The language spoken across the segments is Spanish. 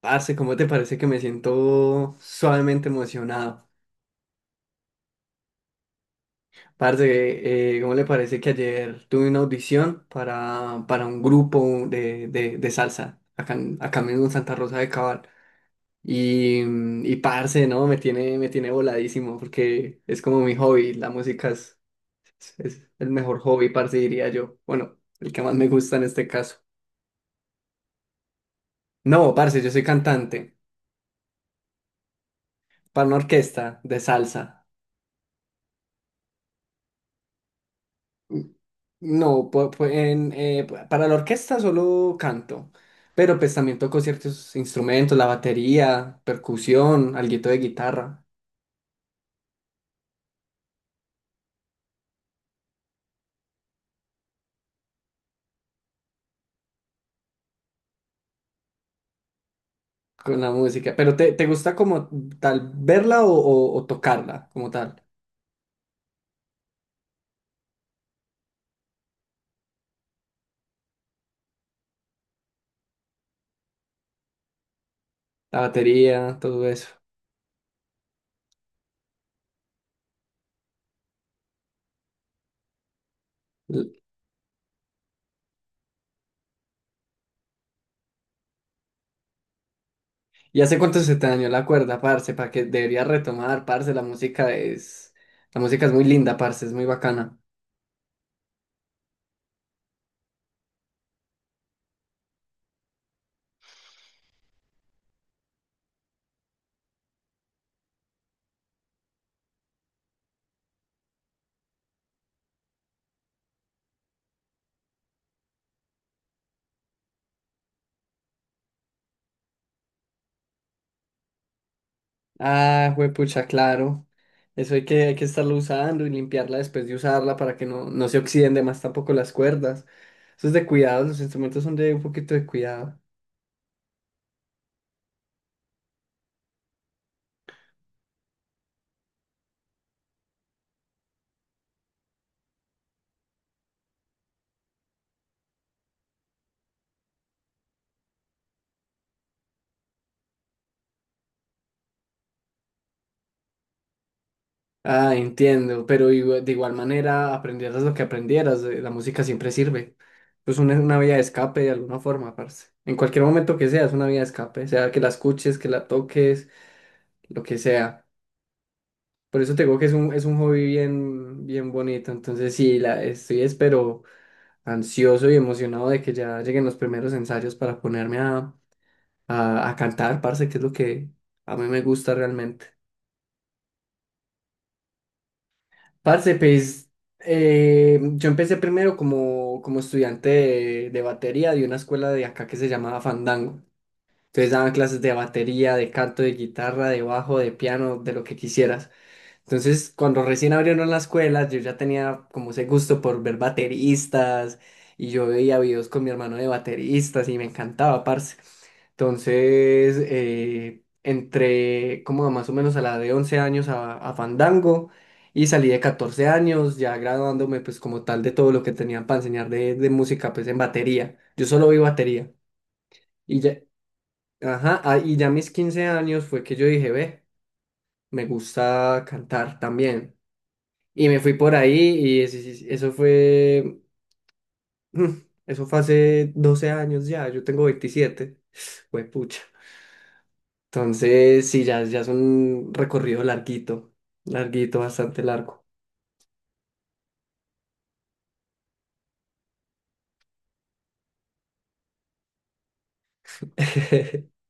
Parce, ¿cómo te parece que me siento suavemente emocionado? Parce, ¿cómo le parece que ayer tuve una audición para un grupo de salsa acá, acá mismo en Santa Rosa de Cabal? Y, y parce, ¿no? Me tiene voladísimo porque es como mi hobby. La música es el mejor hobby, parce, diría yo. Bueno, el que más me gusta en este caso. No, parce, yo soy cantante para una orquesta de salsa. No, para la orquesta solo canto, pero pues también toco ciertos instrumentos, la batería, percusión, alguito de guitarra con la música. Pero te gusta como tal verla o tocarla como tal? La batería, todo eso. L- ¿Y hace cuánto se te dañó la cuerda, parce? Para que deberías retomar, parce, la música es... La música es muy linda, parce, es muy bacana. Ah, juepucha, claro. Eso hay que estarlo usando y limpiarla después de usarla para que no, no se oxiden de más tampoco las cuerdas. Eso es de cuidado, los instrumentos son de un poquito de cuidado. Ah, entiendo, pero de igual manera aprendieras lo que aprendieras, la música siempre sirve. Pues una vía de escape de alguna forma, parce. En cualquier momento que sea, es una vía de escape, sea que la escuches, que la toques, lo que sea. Por eso te digo que es es un hobby bien, bien bonito. Entonces sí, estoy espero ansioso y emocionado de que ya lleguen los primeros ensayos para ponerme a cantar, parce, que es lo que a mí me gusta realmente. Parce, pues yo empecé primero como, como estudiante de batería de una escuela de acá que se llamaba Fandango. Entonces daban clases de batería, de canto, de guitarra, de bajo, de piano, de lo que quisieras. Entonces, cuando recién abrieron las escuelas, yo ya tenía como ese gusto por ver bateristas y yo veía videos con mi hermano de bateristas y me encantaba, parce. Entonces, entré como más o menos a la de 11 años a Fandango y salí de 14 años, ya graduándome pues como tal de todo lo que tenían para enseñar de música pues en batería. Yo solo vi batería y ya, ajá, ah, y ya a mis 15 años fue que yo dije, ve, me gusta cantar también. Y me fui por ahí y eso fue, eso fue hace 12 años ya, yo tengo 27 pucha. Entonces, sí, ya es un recorrido larguito, larguito, bastante largo.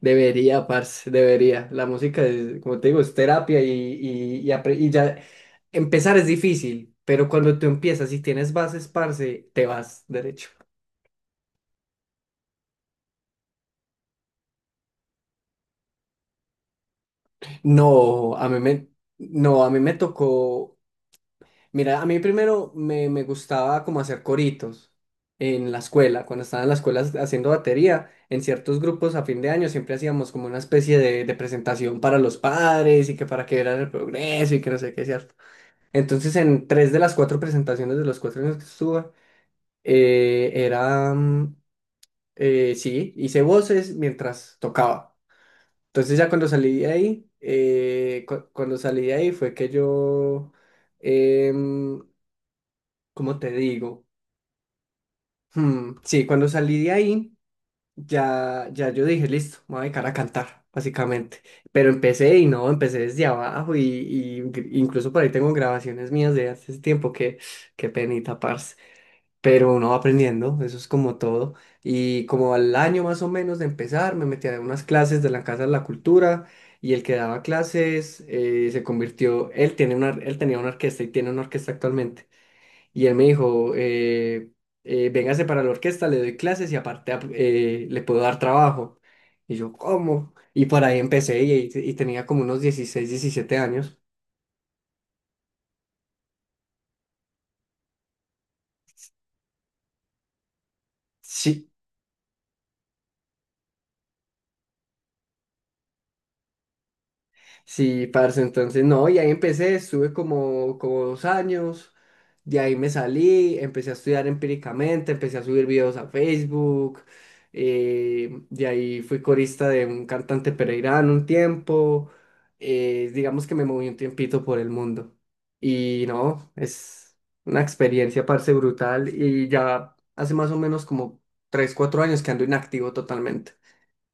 Debería, parce, debería. La música es, como te digo, es terapia y y ya empezar es difícil, pero cuando tú empiezas y tienes bases, parce, te vas derecho. No, a mí me, no, a mí me tocó. Mira, a mí primero me gustaba como hacer coritos en la escuela, cuando estaba en la escuela haciendo batería, en ciertos grupos a fin de año siempre hacíamos como una especie de presentación para los padres y que para que vieran el progreso y que no sé qué, ¿cierto? Entonces en tres de las cuatro presentaciones de los cuatro años que estuve, eh, era, mm, sí, hice voces mientras tocaba. Entonces ya cuando salí de ahí, cuando salí de ahí fue que yo, em, ¿cómo te digo? Sí, cuando salí de ahí, ya yo dije, listo, me voy a dedicar a cantar, básicamente. Pero empecé y no, empecé desde abajo y incluso por ahí tengo grabaciones mías de hace ese tiempo que, qué penita, parce. Pero uno va aprendiendo, eso es como todo. Y como al año más o menos de empezar, me metí a unas clases de la Casa de la Cultura y el que daba clases se convirtió, él tenía una orquesta y tiene una orquesta actualmente. Y él me dijo, véngase para la orquesta, le doy clases y aparte le puedo dar trabajo. Y yo, ¿cómo? Y por ahí empecé y tenía como unos 16 17 años. Sí, sí, parce, entonces no, y ahí empecé, estuve como, como dos años, de ahí me salí, empecé a estudiar empíricamente, empecé a subir videos a Facebook, de ahí fui corista de un cantante pereirano un tiempo, digamos que me moví un tiempito por el mundo. Y no, es una experiencia, parce, brutal, y ya hace más o menos como 3 4 años que ando inactivo totalmente,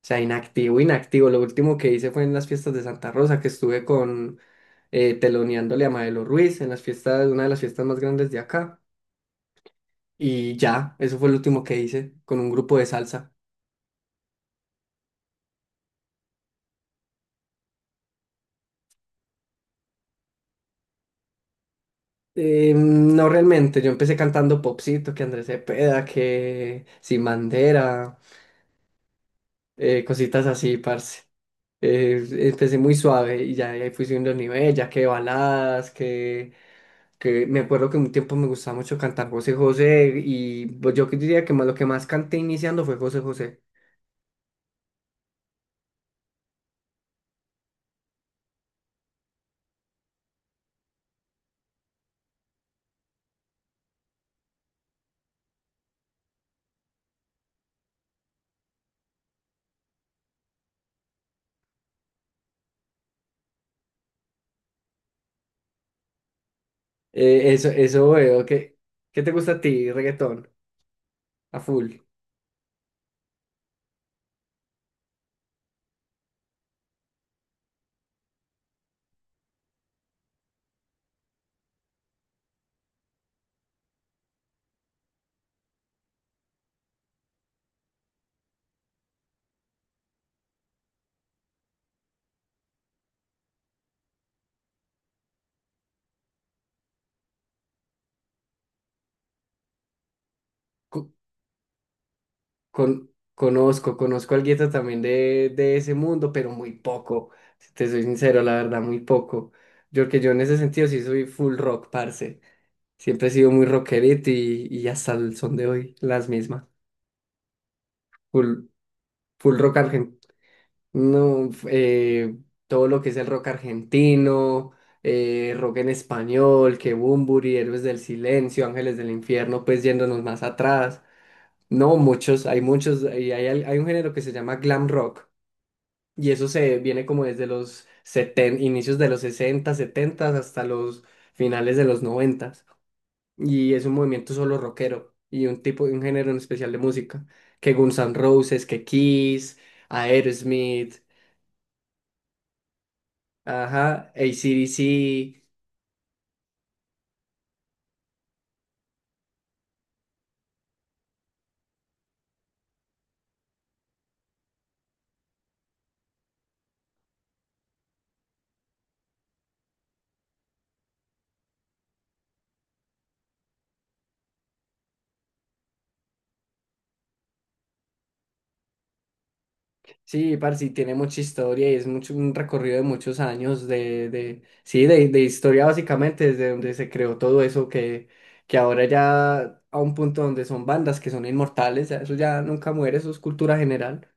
sea, inactivo, inactivo. Lo último que hice fue en las fiestas de Santa Rosa, que estuve con teloneándole a Maelo Ruiz en las fiestas, una de las fiestas más grandes de acá. Y ya, eso fue lo último que hice con un grupo de salsa. No realmente, yo empecé cantando popcito, que Andrés Cepeda, que Sin Bandera, cositas así, parce. Eh, empecé muy suave y ya ahí fui subiendo el nivel, ya que baladas, que me acuerdo que un tiempo me gustaba mucho cantar José José y pues yo que diría que más, lo que más canté iniciando fue José José. Eso veo. ¿Qué, qué te gusta a ti, reggaetón? A full. Co- Con, conozco, conozco algo también de ese mundo, pero muy poco. Si te soy sincero, la verdad, muy poco. Yo en ese sentido sí soy full rock, parce. Siempre he sido muy rockerito y hasta el son de hoy, las mismas. Full, full rock argentino. No, todo lo que es el rock argentino, rock en español, Bunbury, Héroes del Silencio, Ángeles del Infierno, pues yéndonos más atrás. No, muchos, hay muchos, hay un género que se llama glam rock, y eso se viene como desde inicios de los 60 70 hasta los finales de los 90, y es un movimiento solo rockero, y un tipo, un género en especial de música, que Guns N' Roses, que Kiss, Aerosmith. Ajá, A C D C sí, parce, y tiene mucha historia y es mucho, un recorrido de muchos años de historia básicamente, desde donde se creó todo eso que ahora ya a un punto donde son bandas que son inmortales, ya eso ya nunca muere, eso es cultura general.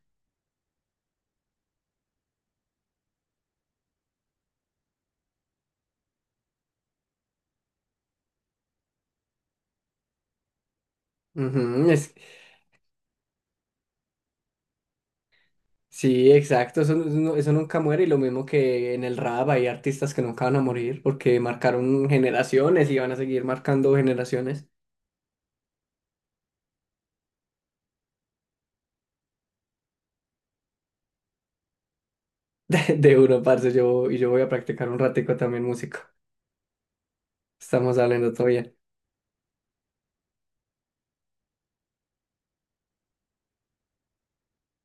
Ujú, sí, exacto, eso, eso nunca muere y lo mismo que en el rap hay artistas que nunca van a morir porque marcaron generaciones y van a seguir marcando generaciones. De uno, parce, y yo voy a practicar un ratico también música. Estamos hablando todavía.